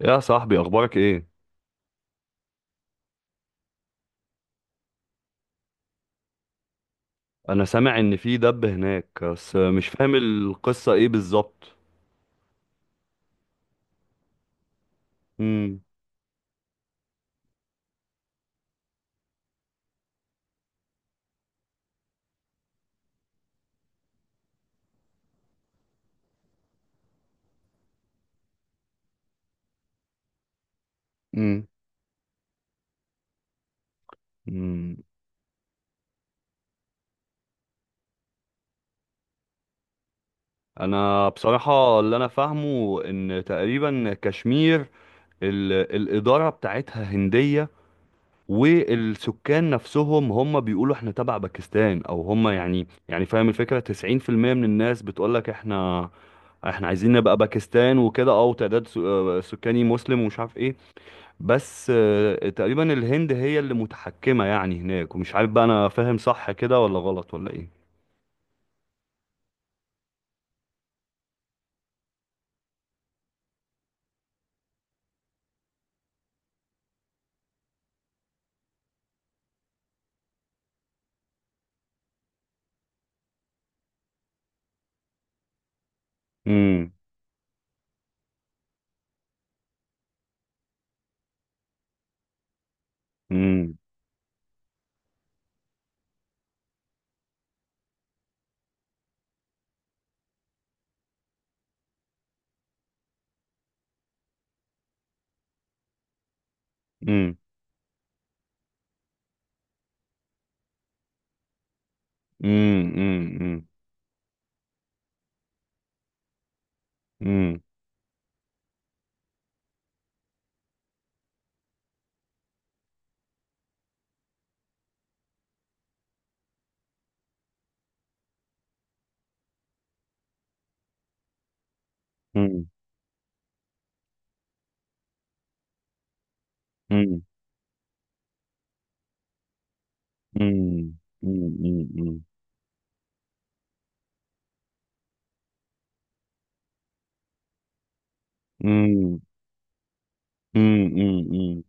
يا صاحبي، اخبارك ايه؟ انا سامع ان في دب هناك، بس مش فاهم القصة ايه بالظبط. امم امم امم انا بصراحة اللي انا فاهمه ان تقريبا كشمير، الادارة بتاعتها هندية، والسكان نفسهم هم بيقولوا احنا تبع باكستان، او هم يعني فاهم الفكرة؟ 90% من الناس بتقولك احنا عايزين نبقى باكستان وكده، او تعداد سكاني مسلم ومش عارف إيه. بس تقريبا الهند هي اللي متحكمة يعني هناك، ومش عارف بقى انا فاهم صح كده ولا غلط ولا ايه. امم امم امم امم امم امم امم امم امم امم امم امم امم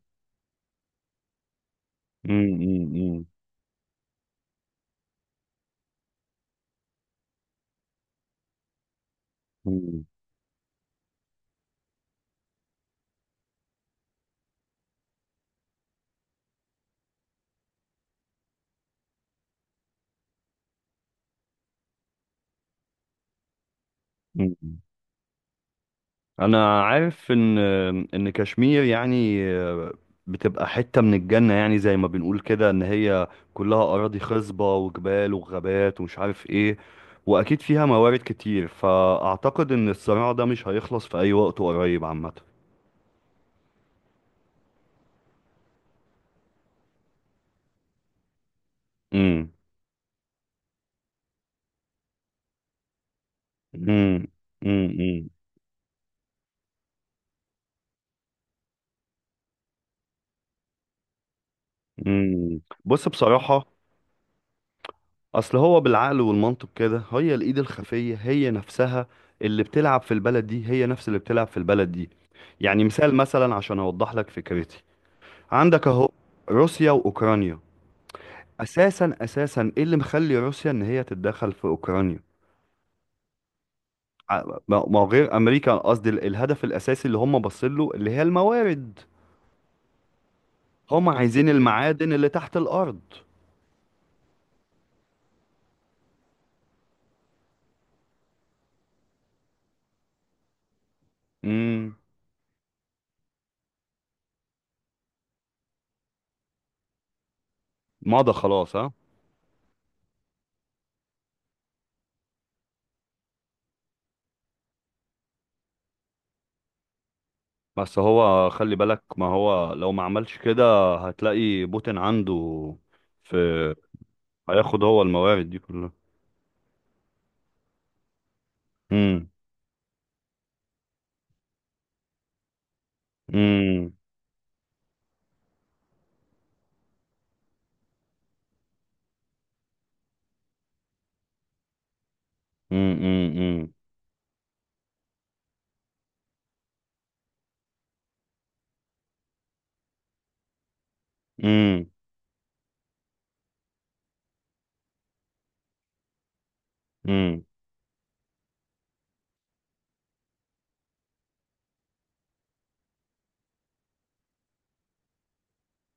امم امم امم انا عارف ان كشمير يعني بتبقى حتة من الجنة، يعني زي ما بنقول كده ان هي كلها اراضي خصبة وجبال وغابات ومش عارف ايه، واكيد فيها موارد كتير، فاعتقد ان الصراع ده مش هيخلص في اي وقت قريب عامة. امم امم امم امم بص، بصراحة اصل هو بالعقل والمنطق كده، هي الايد الخفيه هي نفسها، اللي بتلعب في البلد دي هي نفس اللي بتلعب في البلد دي. يعني مثال مثلا عشان اوضح لك فكرتي، عندك اهو روسيا واوكرانيا. اساسا اساسا ايه اللي مخلي روسيا ان هي تتدخل في اوكرانيا؟ ما هو غير امريكا، قصدي الهدف الاساسي اللي هم باصين له اللي هي الموارد. هم عايزين المعادن اللي تحت الارض. امم مضى خلاص، ها؟ بس هو خلي بالك، ما هو لو ما عملش كده هتلاقي بوتين عنده في هياخد هو الموارد دي كلها. امم امم امم امم امم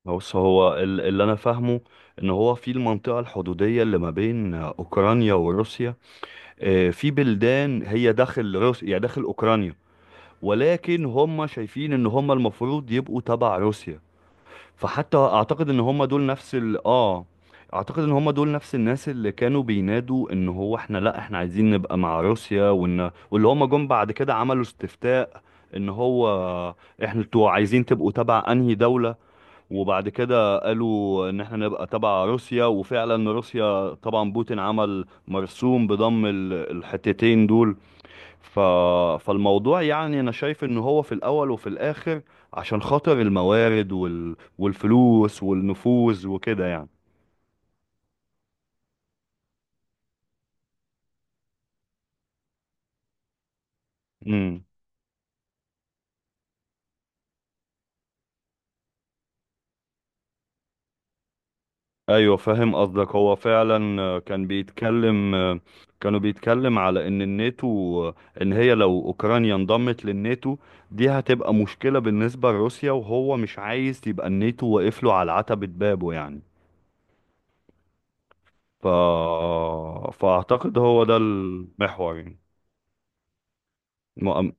بص، هو اللي انا فاهمه ان هو في المنطقة الحدودية اللي ما بين اوكرانيا وروسيا، في بلدان هي داخل روسيا يعني داخل اوكرانيا، ولكن هم شايفين ان هم المفروض يبقوا تبع روسيا. فحتى اعتقد ان هم دول نفس الناس اللي كانوا بينادوا ان هو احنا، لا احنا عايزين نبقى مع روسيا، واللي هم جم بعد كده عملوا استفتاء ان هو انتوا عايزين تبقوا تبع انهي دولة. وبعد كده قالوا ان احنا نبقى تبع روسيا، وفعلا روسيا طبعا بوتين عمل مرسوم بضم الحتتين دول. ف... فالموضوع يعني انا شايف ان هو في الاول وفي الاخر عشان خاطر الموارد والفلوس والنفوذ وكده يعني. امم ايوه، فاهم قصدك، هو فعلا كان بيتكلم، كانوا بيتكلم على ان الناتو، آه، ان هي لو اوكرانيا انضمت للناتو دي هتبقى مشكلة بالنسبة لروسيا، وهو مش عايز يبقى الناتو واقف له على عتبة بابه يعني. ف... فاعتقد هو ده المحور يعني. مؤم...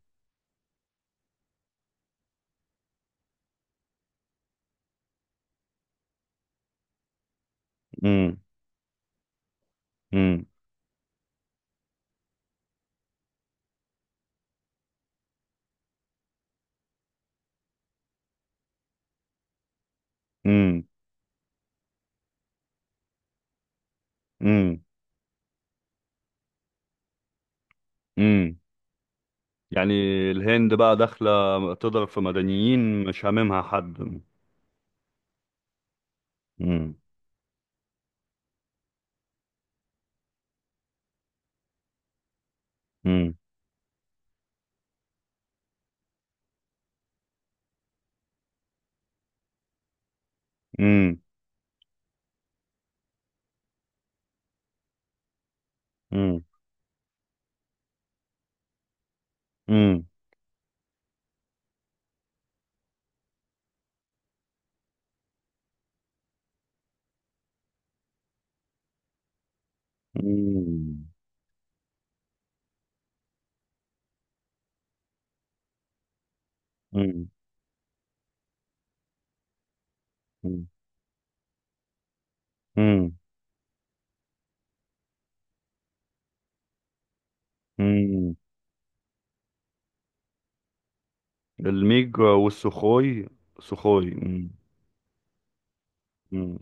امم امم امم امم يعني الهند بقى داخلة تضرب في مدنيين مش هاممها حد. امم امم امم امم امم امم امم امم امم الميج والسخوي، سخوي. امم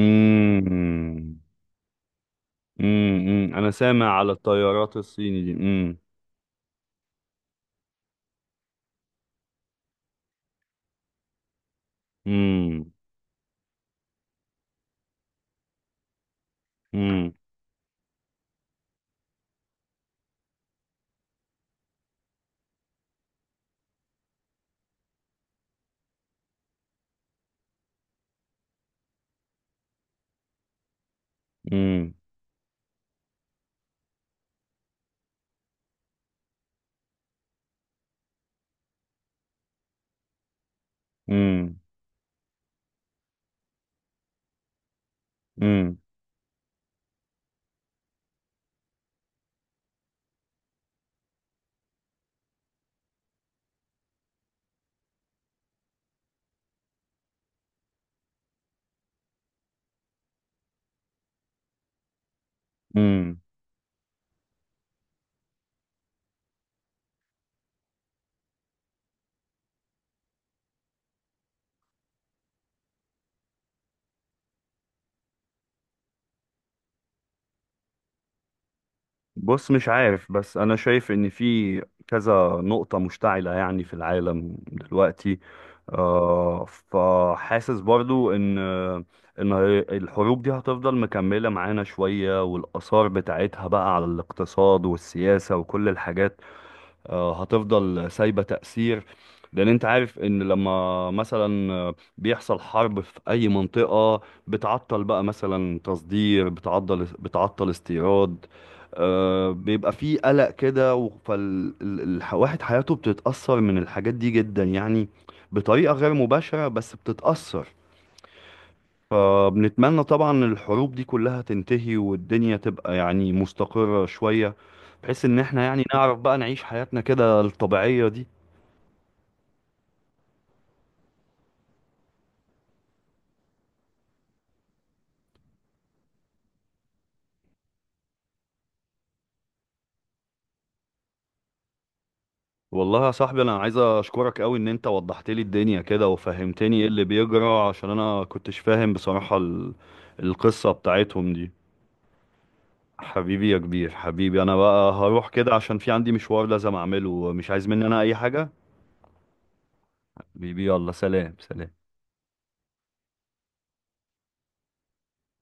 امم انا سامع على الطيارات الصيني دي. امم امم امم امم امم بص، مش عارف، بس انا شايف ان في كذا نقطة مشتعلة يعني في العالم دلوقتي. فحاسس برضو ان الحروب دي هتفضل مكملة معانا شوية، والاثار بتاعتها بقى على الاقتصاد والسياسة وكل الحاجات، هتفضل سايبة تأثير. لأن أنت عارف إن لما مثلا بيحصل حرب في أي منطقة، بتعطل بقى مثلا تصدير، بتعطل استيراد، بيبقى فيه قلق كده، فالواحد حياته بتتأثر من الحاجات دي جدا يعني، بطريقة غير مباشرة بس بتتأثر. فبنتمنى طبعا الحروب دي كلها تنتهي، والدنيا تبقى يعني مستقرة شوية، بحيث ان احنا يعني نعرف بقى نعيش حياتنا كده الطبيعية دي. والله يا صاحبي، انا عايز اشكرك قوي ان انت وضحت لي الدنيا كده وفهمتني ايه اللي بيجرى، عشان انا كنتش فاهم بصراحة القصة بتاعتهم دي. حبيبي يا كبير، حبيبي، انا بقى هروح كده عشان في عندي مشوار لازم اعمله، مش عايز مني انا اي حاجة؟ حبيبي يلا، سلام سلام.